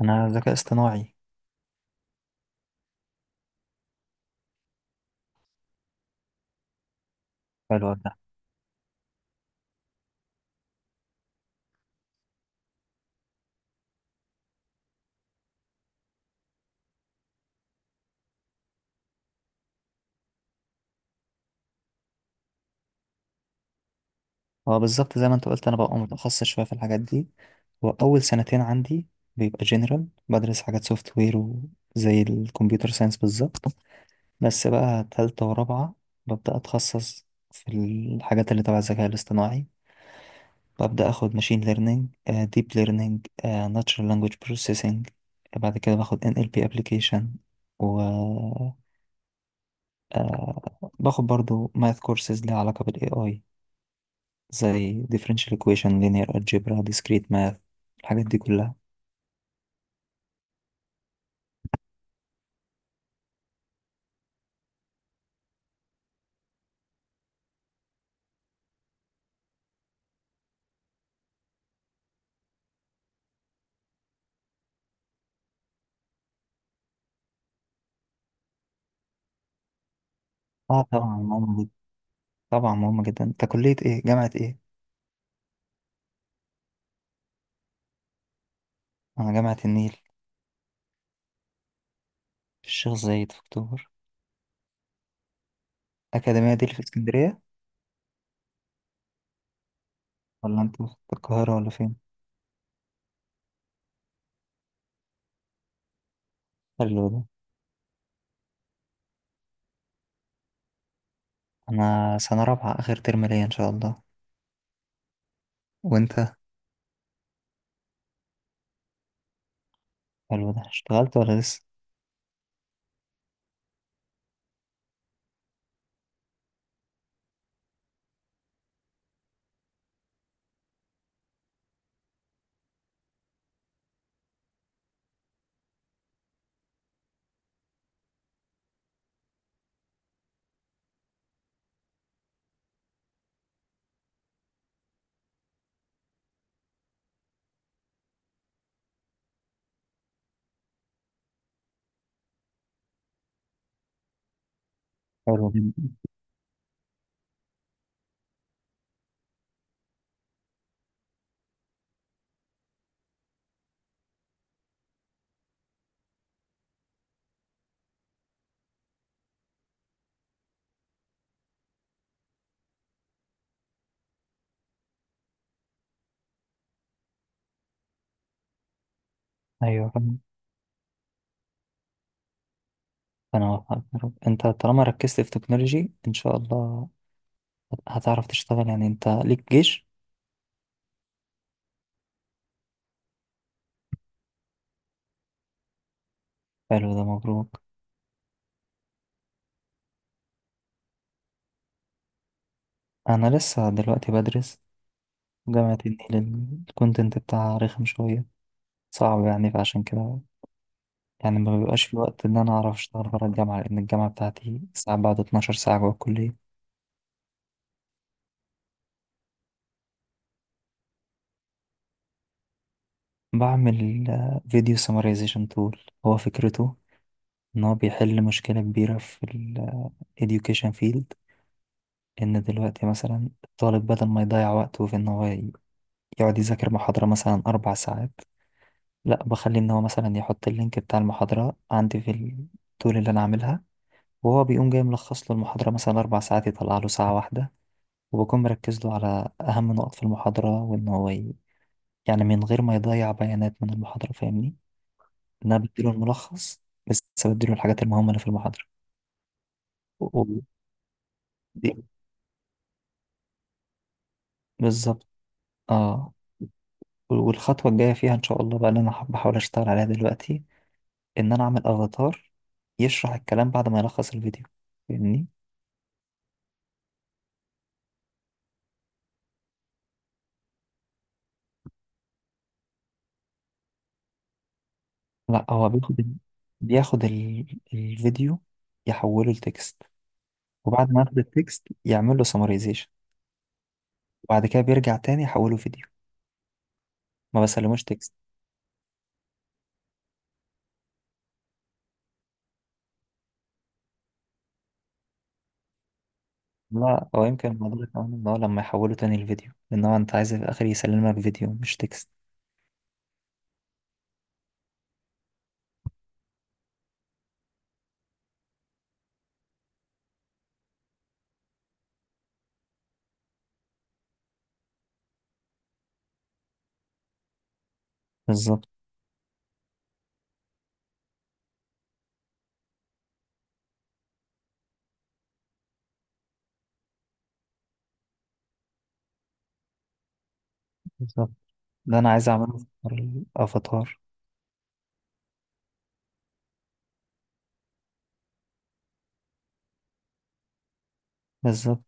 انا ذكاء اصطناعي. حلو ده. اه، بالظبط زي ما انت قلت، انا ببقى متخصص شويه في الحاجات دي، واول سنتين عندي بيبقى جنرال، بدرس حاجات سوفت وير وزي الكمبيوتر ساينس بالظبط. بس بقى تالتة ورابعة ببدأ أتخصص في الحاجات اللي تبع الذكاء الاصطناعي. ببدأ أخد ماشين ليرنينج، ديب ليرنينج، ناتشرال لانجويج بروسيسنج. بعد كده باخد NLP application، وباخد برضو ماث كورسز ليها علاقة بال AI، زي differential equation، linear algebra، discrete math، الحاجات دي كلها. اه طبعا مهمة جدا، طبعا مهمة جدا. انت كلية ايه؟ جامعة ايه؟ انا جامعة النيل. في الشيخ زايد، في اكتوبر. اكاديمية دي اللي في اسكندرية. ولا انت في القاهرة ولا فين؟ حلو ده. انا سنة رابعة، اخر ترم ليا ان شاء الله. وانت؟ حلو ده، اشتغلت ولا لسه؟ حلو جدا. ايوه، فاهم. انا وفقت يا رب. انت طالما ركزت في تكنولوجي ان شاء الله هتعرف تشتغل. يعني انت ليك جيش؟ حلو ده، مبروك. انا لسه دلوقتي بدرس. جامعة النيل الكونتنت بتاعها رخم شوية، صعب يعني. فعشان كده يعني ما بيبقاش في وقت ان انا اعرف اشتغل بره الجامعة، لان الجامعة بتاعتي ساعات بعد 12 ساعة جوه الكلية. بعمل فيديو سمرايزيشن تول. هو فكرته ان هو بيحل مشكلة كبيرة في ال education field. ان دلوقتي مثلا الطالب بدل ما يضيع وقته في ان هو يقعد يذاكر محاضرة مثلا 4 ساعات، لا بخليه ان هو مثلا يحط اللينك بتاع المحاضرة عندي في التول اللي انا عاملها، وهو بيقوم جاي ملخص له المحاضرة مثلا 4 ساعات يطلع له ساعة واحدة، وبكون مركز له على أهم نقط في المحاضرة، وإن هو يعني من غير ما يضيع بيانات من المحاضرة. فاهمني؟ إن أنا بديله الملخص بس، بديله الحاجات المهمة اللي في المحاضرة. و- و- دي- بالظبط، اه. والخطوة الجاية فيها إن شاء الله بقى اللي أنا بحاول أشتغل عليها دلوقتي، إن أنا أعمل أفاتار يشرح الكلام بعد ما يلخص الفيديو. فاهمني؟ لأ، هو بياخد الفيديو، يحوله لتكست، وبعد ما ياخد التكست يعمل له سمرايزيشن، وبعد كده بيرجع تاني يحوله فيديو. ما بسلموش تكست. لا، هو يمكن الموضوع كمان ان هو لما يحوله تاني الفيديو، لان هو انت عايز في الاخر يسلمك فيديو مش تكست. بالظبط. بالظبط، ده انا عايز اعمله في حوار الافاتار. بالظبط.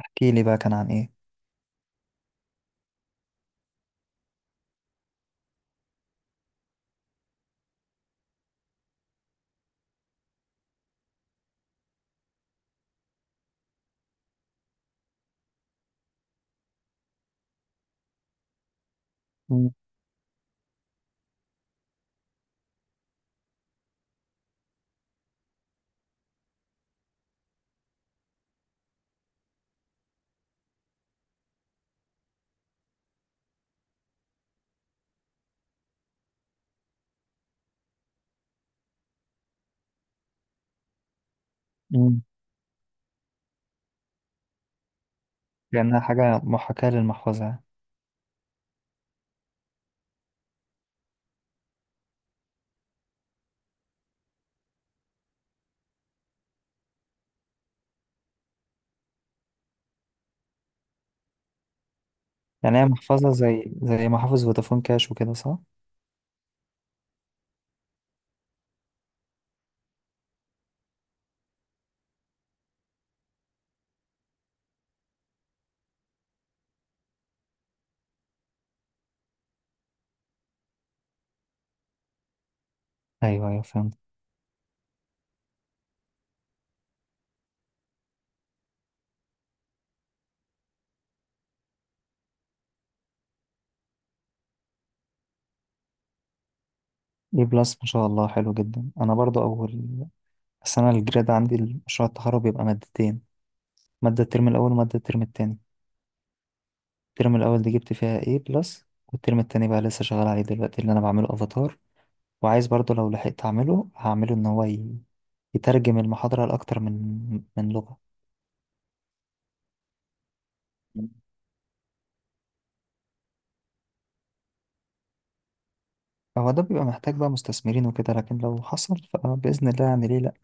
احكي لي بقى كان عن ايه. مم. مم. لانها حاجه محاكاه للمحفظه يعني. يعني هي محفظه زي محافظ فودافون كاش وكده صح؟ ايوه، ايوه، فهمت. اي بلس، ما شاء الله، حلو جدا. انا برضو اول السنه الجراد عندي مشروع التخرج بيبقى مادتين، مادة الترم الأول ومادة الترم التاني. الترم الأول دي جبت فيها A بلس، والترم التاني بقى لسه شغال عليه دلوقتي. اللي أنا بعمله أفاتار، وعايز برضو لو لحقت أعمله، هعمله إن هو يترجم المحاضرة لأكتر من لغة. هو ده بيبقى محتاج بقى مستثمرين وكده، لكن لو حصل فبإذن الله يعني ليه لأ.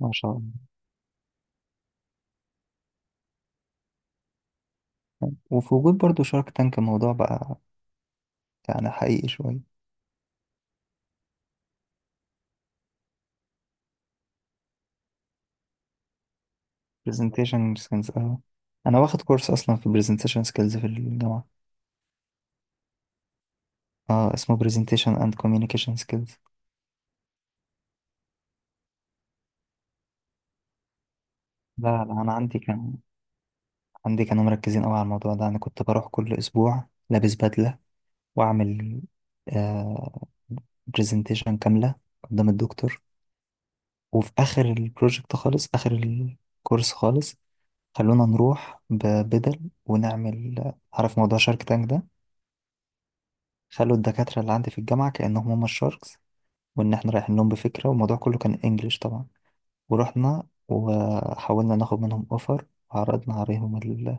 ما شاء الله. وفي وجود برضو شارك تانك الموضوع بقى يعني حقيقي شوية. presentation skills، اه. أنا واخد كورس أصلا في presentation skills في الجامعة. اه، اسمه presentation and communication skills. لا، لا، أنا عندي كانوا مركزين قوي على الموضوع ده. انا كنت بروح كل اسبوع لابس بدله واعمل آه برزنتيشن كامله قدام الدكتور. وفي اخر البروجكت خالص، اخر الكورس خالص، خلونا نروح ببدل ونعمل. عارف موضوع شارك تانك ده؟ خلوا الدكاتره اللي عندي في الجامعه كانهم هم الشاركس، وان احنا رايحين لهم بفكره، والموضوع كله كان انجليش طبعا. ورحنا وحاولنا ناخد منهم اوفر، وعرضنا عليهم ال-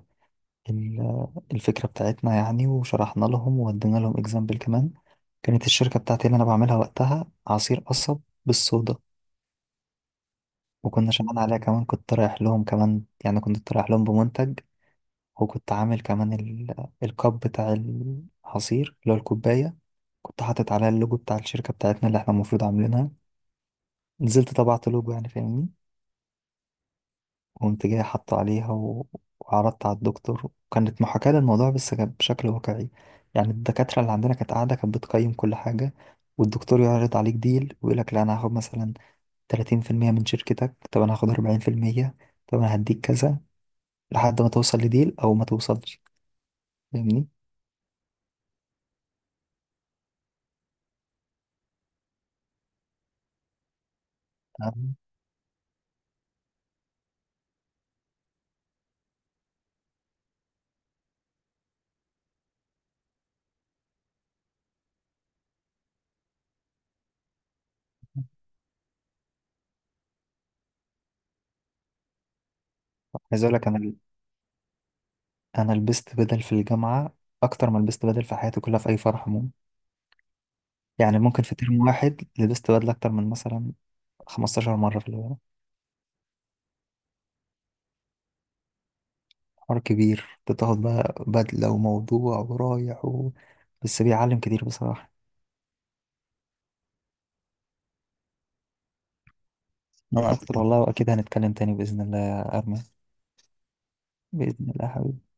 الفكرة بتاعتنا يعني، وشرحنا لهم وودينا لهم اكزامبل كمان. كانت الشركة بتاعتي اللي أنا بعملها وقتها عصير قصب بالصودا. وكنا شغالين عليها، كمان كنت رايح لهم، كمان يعني كنت رايح لهم بمنتج، وكنت عامل كمان الكاب بتاع العصير اللي هو الكوباية، كنت حاطط عليها اللوجو بتاع الشركة بتاعتنا اللي احنا المفروض عاملينها. نزلت طبعت لوجو يعني، فاهمني؟ قمت جاي حاطه عليها. و... وعرضت على الدكتور، وكانت محاكاة للموضوع بس كانت بشكل واقعي. يعني الدكاترة اللي عندنا كانت قاعدة، كانت بتقيم كل حاجة. والدكتور يعرض عليك ديل ويقول لك لا، أنا هاخد مثلا 30% من شركتك، طب أنا هاخد 40%، طب أنا هديك كذا، لحد ما توصل لديل أو ما توصلش. فاهمني؟ أنا عايز أقول لك، أنا لبست بدل في الجامعة أكتر ما لبست بدل في حياتي كلها في أي فرح عموما. يعني ممكن في ترم واحد لبست بدل أكتر من مثلا 15 مرة في الجامعة. حوار كبير. بتاخد بقى بدلة وموضوع ورايح. و... بس بيعلم كتير بصراحة. أنا أكتر والله، وأكيد هنتكلم تاني بإذن الله يا أرمي. بإذن الله حبيبي.